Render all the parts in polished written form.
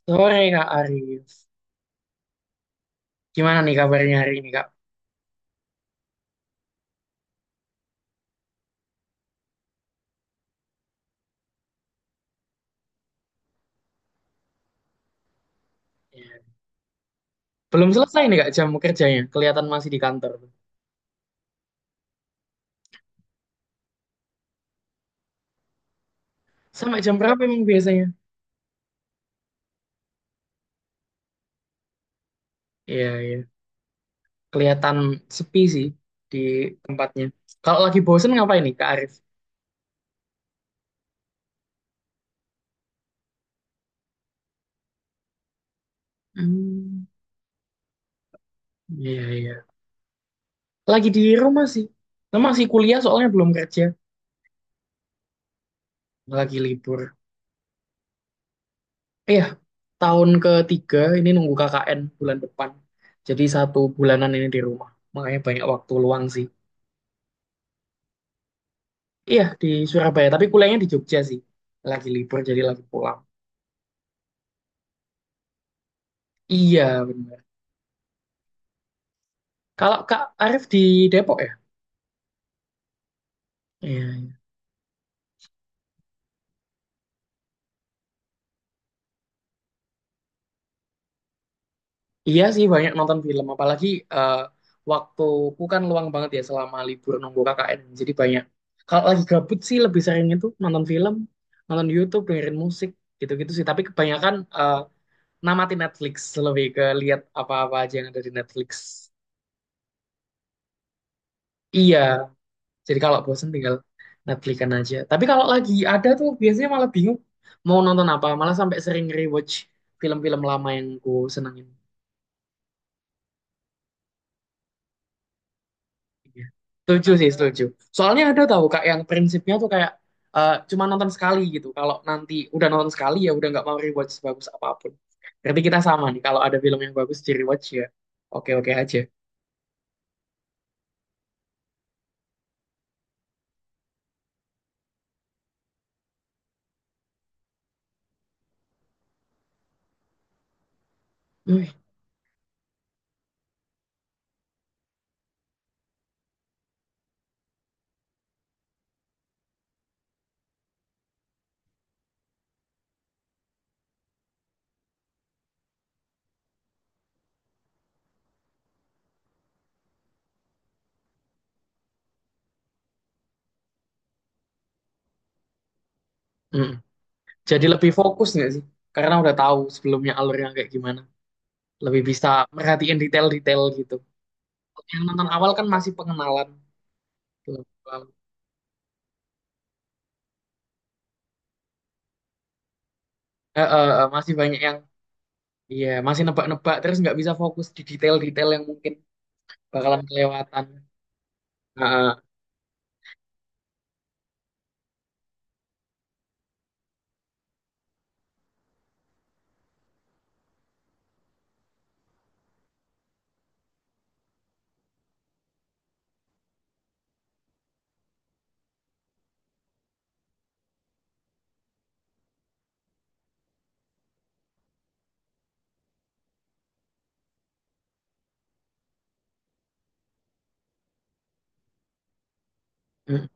Sore Kak Arif. Gimana nih kabarnya hari ini Kak? Ya. Belum selesai nih Kak jam kerjanya. Kelihatan masih di kantor. Sampai jam berapa emang biasanya? Iya, iya. Kelihatan sepi sih di tempatnya. Kalau lagi bosen ngapain nih Kak Arif? Hmm, iya, iya. Lagi di rumah sih. Nah, masih kuliah soalnya belum kerja. Lagi libur. Iya, tahun ketiga ini nunggu KKN bulan depan. Jadi satu bulanan ini di rumah. Makanya banyak waktu luang sih. Iya di Surabaya, tapi kuliahnya di Jogja sih. Lagi libur jadi lagi pulang. Iya benar. Kalau Kak Arif di Depok ya? Iya, iya. Iya sih banyak nonton film, apalagi eh, waktuku kan luang banget ya selama libur nunggu KKN. Jadi banyak. Kalau lagi gabut sih lebih sering itu nonton film, nonton YouTube, dengerin musik, gitu-gitu sih. Tapi kebanyakan namatin Netflix, lebih ke lihat apa-apa aja yang ada di Netflix. Iya, jadi kalau bosen tinggal Netflix-an aja. Tapi kalau lagi ada tuh biasanya malah bingung mau nonton apa. Malah sampai sering rewatch film-film lama yang ku senengin. Iya. Setuju sih, setuju. Soalnya ada tahu Kak yang prinsipnya tuh kayak cuma nonton sekali gitu. Kalau nanti udah nonton sekali ya udah nggak mau rewatch sebagus apapun. Berarti kita sama nih. Kalau ada film yang bagus di rewatch ya oke-oke aja. Wih, mm. Jadi lebih fokus nggak sih? Karena udah tahu sebelumnya alurnya kayak gimana. Lebih bisa merhatiin detail-detail gitu. Yang nonton awal kan masih pengenalan belum belum. Masih banyak yang iya masih nebak-nebak terus nggak bisa fokus di detail-detail yang mungkin bakalan kelewatan. Eh, eh. Hmm.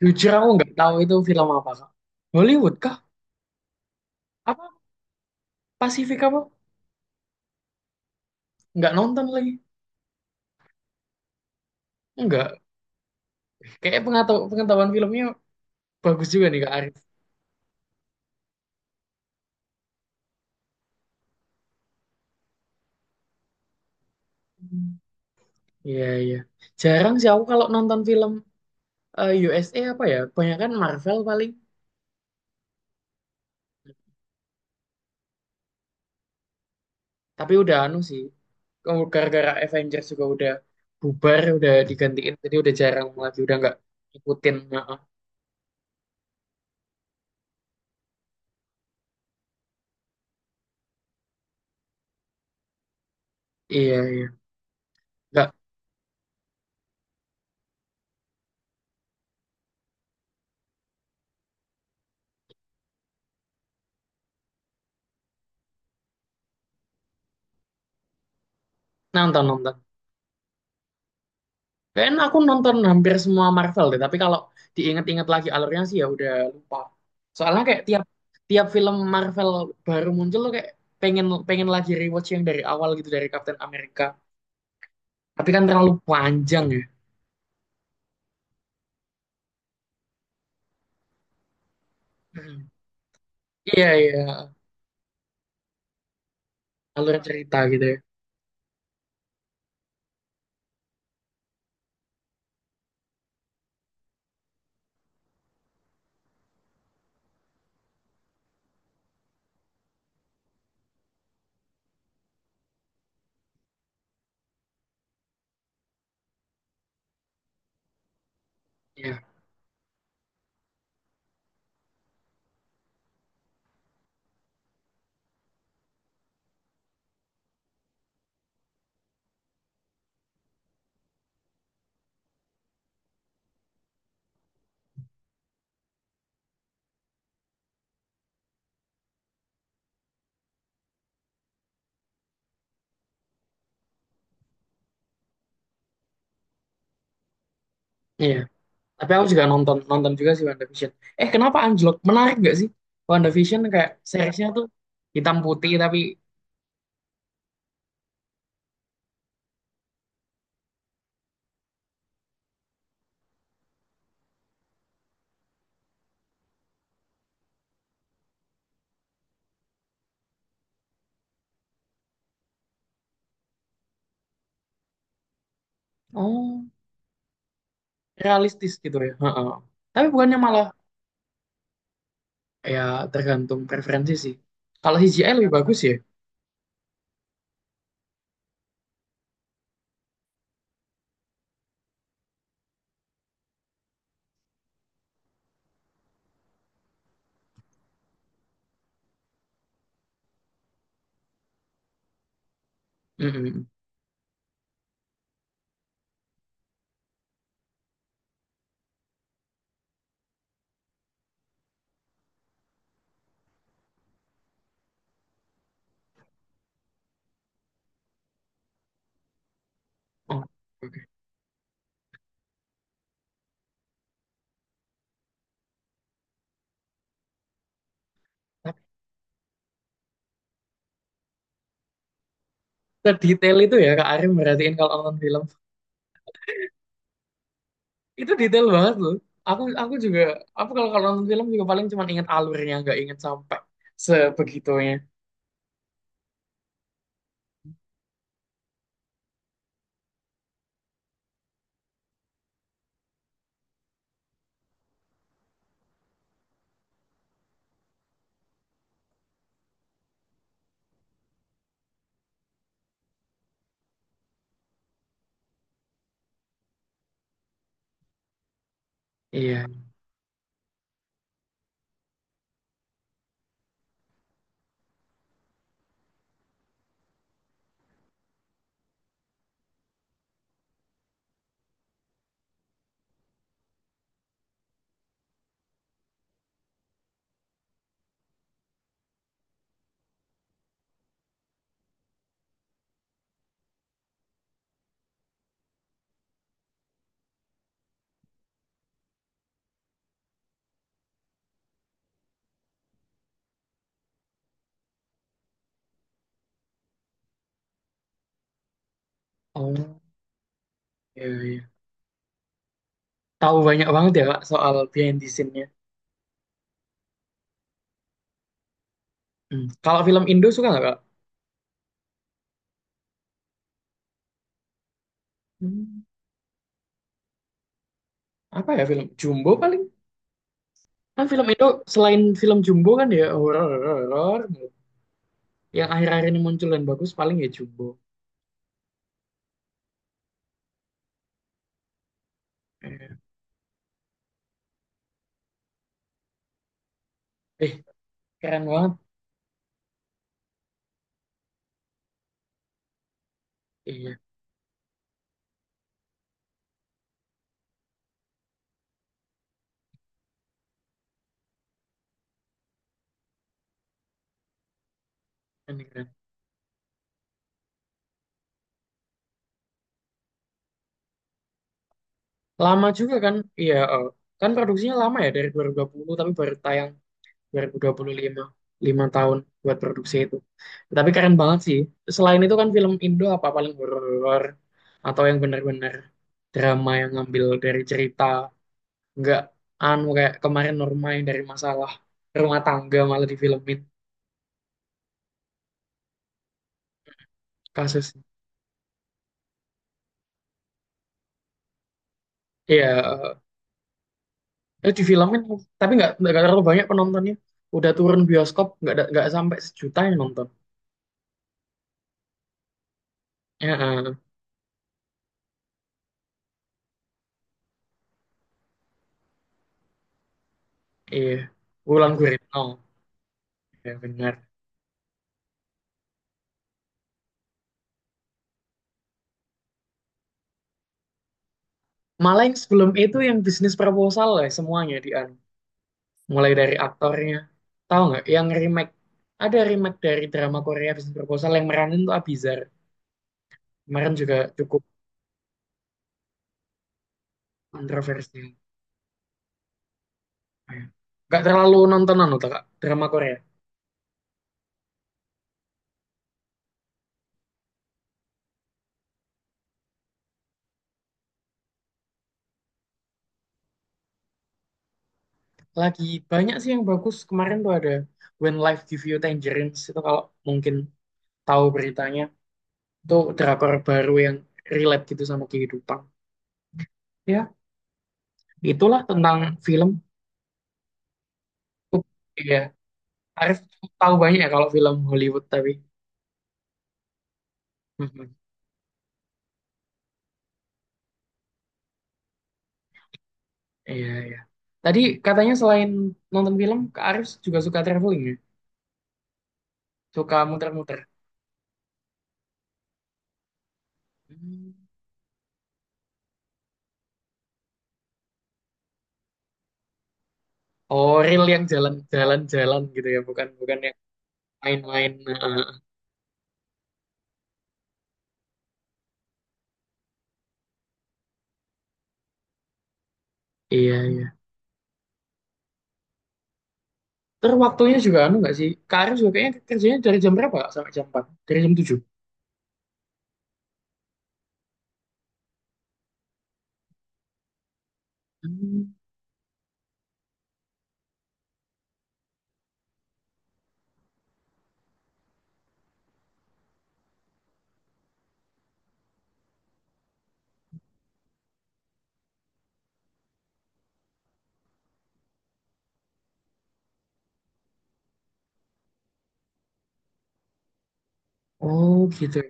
Jujur aku nggak tahu itu film apa kak. Hollywood kah apa Pasifik apa nggak nonton lagi nggak, kayak pengetahuan pengetahuan filmnya bagus juga nih kak Arif. Hmm, iya iya. Jarang sih aku kalau nonton film, USA apa ya banyak kan Marvel paling. Tapi udah anu sih. Gara-gara Avengers juga udah bubar udah digantiin jadi udah jarang lagi udah nggak ngikutin. Heeh. Iya iya, nggak nonton nonton, kayaknya aku nonton hampir semua Marvel deh. Tapi kalau diinget-inget lagi alurnya sih ya udah lupa. Soalnya kayak tiap tiap film Marvel baru muncul tuh kayak pengen pengen lagi rewatch yang dari awal gitu dari Captain America. Tapi kan terlalu panjang ya. Mhm. Iya, iya, alur cerita gitu ya. Iya, iya. Tapi aku juga nonton nonton juga sih WandaVision. Eh, kenapa anjlok? Menarik nggak sih WandaVision, kayak seriesnya tuh hitam putih tapi. Oh, realistis gitu ya. Heeh. Tapi bukannya malah ya, tergantung preferensi sih. Kalau CGI lebih bagus ya. Mm-mm. Oh, oke. Tapi detail itu ya Kak Arim merhatiin kalau nonton film, itu detail banget loh. Aku juga, aku kalau kalau nonton film juga paling cuma ingat alurnya, nggak ingat sampai sebegitunya. Iya. Oh, iya, iya. Tahu banyak banget ya Kak soal behind the scene-nya. Hmm. Kalau film Indo suka nggak Kak? Hmm, Apa ya, film Jumbo paling? Kan film Indo selain film Jumbo kan ya horor horor. Yang akhir-akhir ini muncul dan bagus paling ya Jumbo. Eh, eh, keren banget. Iya, keren, keren. Lama juga kan? Iya, kan produksinya lama ya dari dua dua ribu dua puluh tapi baru tayang 2025, 5 tahun buat produksi itu. Tapi keren banget sih. Selain itu kan film Indo apa paling horor, atau yang bener-bener drama yang ngambil dari cerita, nggak anu kayak kemarin Norma yang dari masalah rumah tangga malah difilmin kasus. Iya, eh, di filmin tapi nggak terlalu banyak penontonnya, udah turun bioskop nggak sampai sejuta yang nonton. Ya, iya. Wulan Guritno. Ya benar. Malah yang sebelum itu yang bisnis proposal lah semuanya di anu. Mulai dari aktornya. Tahu nggak yang remake? Ada remake dari drama Korea bisnis proposal yang meranin tuh Abizar. Kemarin juga cukup kontroversial. Kayak, nggak terlalu nontonan loh Kak, drama Korea. Lagi banyak sih yang bagus. Kemarin tuh ada When Life Give You Tangerines itu, kalau mungkin tahu beritanya, itu drakor baru yang relate gitu sama kehidupan. Ya, itulah tentang film. Iya, Arif tahu banyak ya kalau film Hollywood tapi. Mhm. Iya, iya. Tadi katanya selain nonton film, Kak Arif juga suka traveling ya? Suka muter-muter. Hmm. Oh, real yang jalan-jalan-jalan gitu ya, bukan bukan yang main-main. Heeh. Iya, iya. Terus waktunya juga anu nggak sih? Kak Arif juga kayaknya kerjanya dari jam berapa Kak, sampai jam 4? Dari jam 7? Hmm. Oh, gitu ya.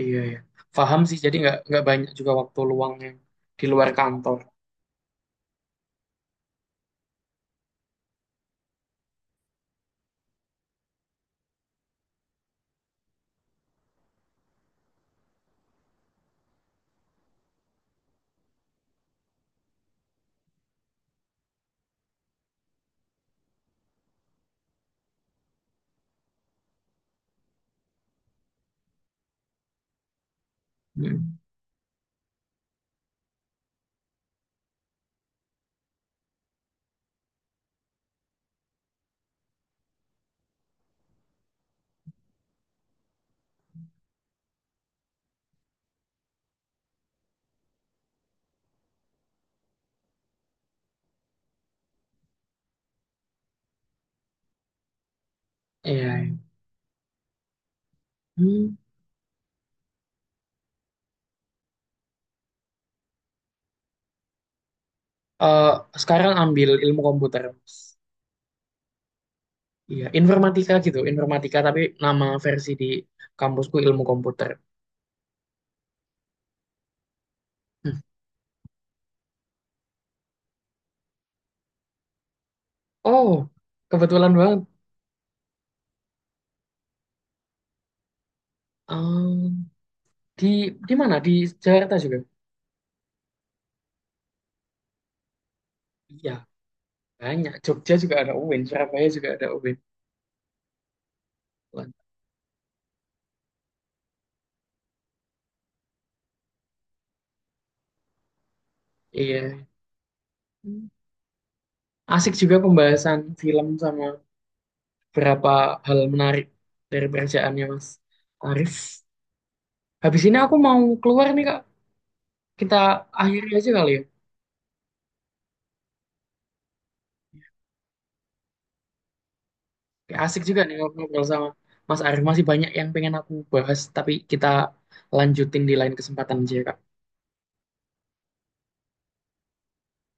Iya, iya. Paham sih, jadi nggak banyak juga waktu luang yang di luar kantor. Hmm. Iya, iya. Hmm. Eh, sekarang ambil ilmu komputer. Mas. Iya, informatika gitu, informatika tapi nama versi di kampusku ilmu komputer. Hmm. Oh, kebetulan banget. Eh, di di mana? Di Jakarta juga. Iya, banyak. Jogja juga ada UIN, Surabaya juga ada UIN. Iya. Hmm. Asik juga pembahasan film sama beberapa hal menarik dari pekerjaannya Mas Arif. Habis ini aku mau keluar nih, Kak. Kita akhiri aja kali ya. Kayak Asik juga nih ngobrol sama Mas Arif. Masih banyak yang pengen aku bahas, tapi kita lanjutin di lain kesempatan aja, ya, Kak.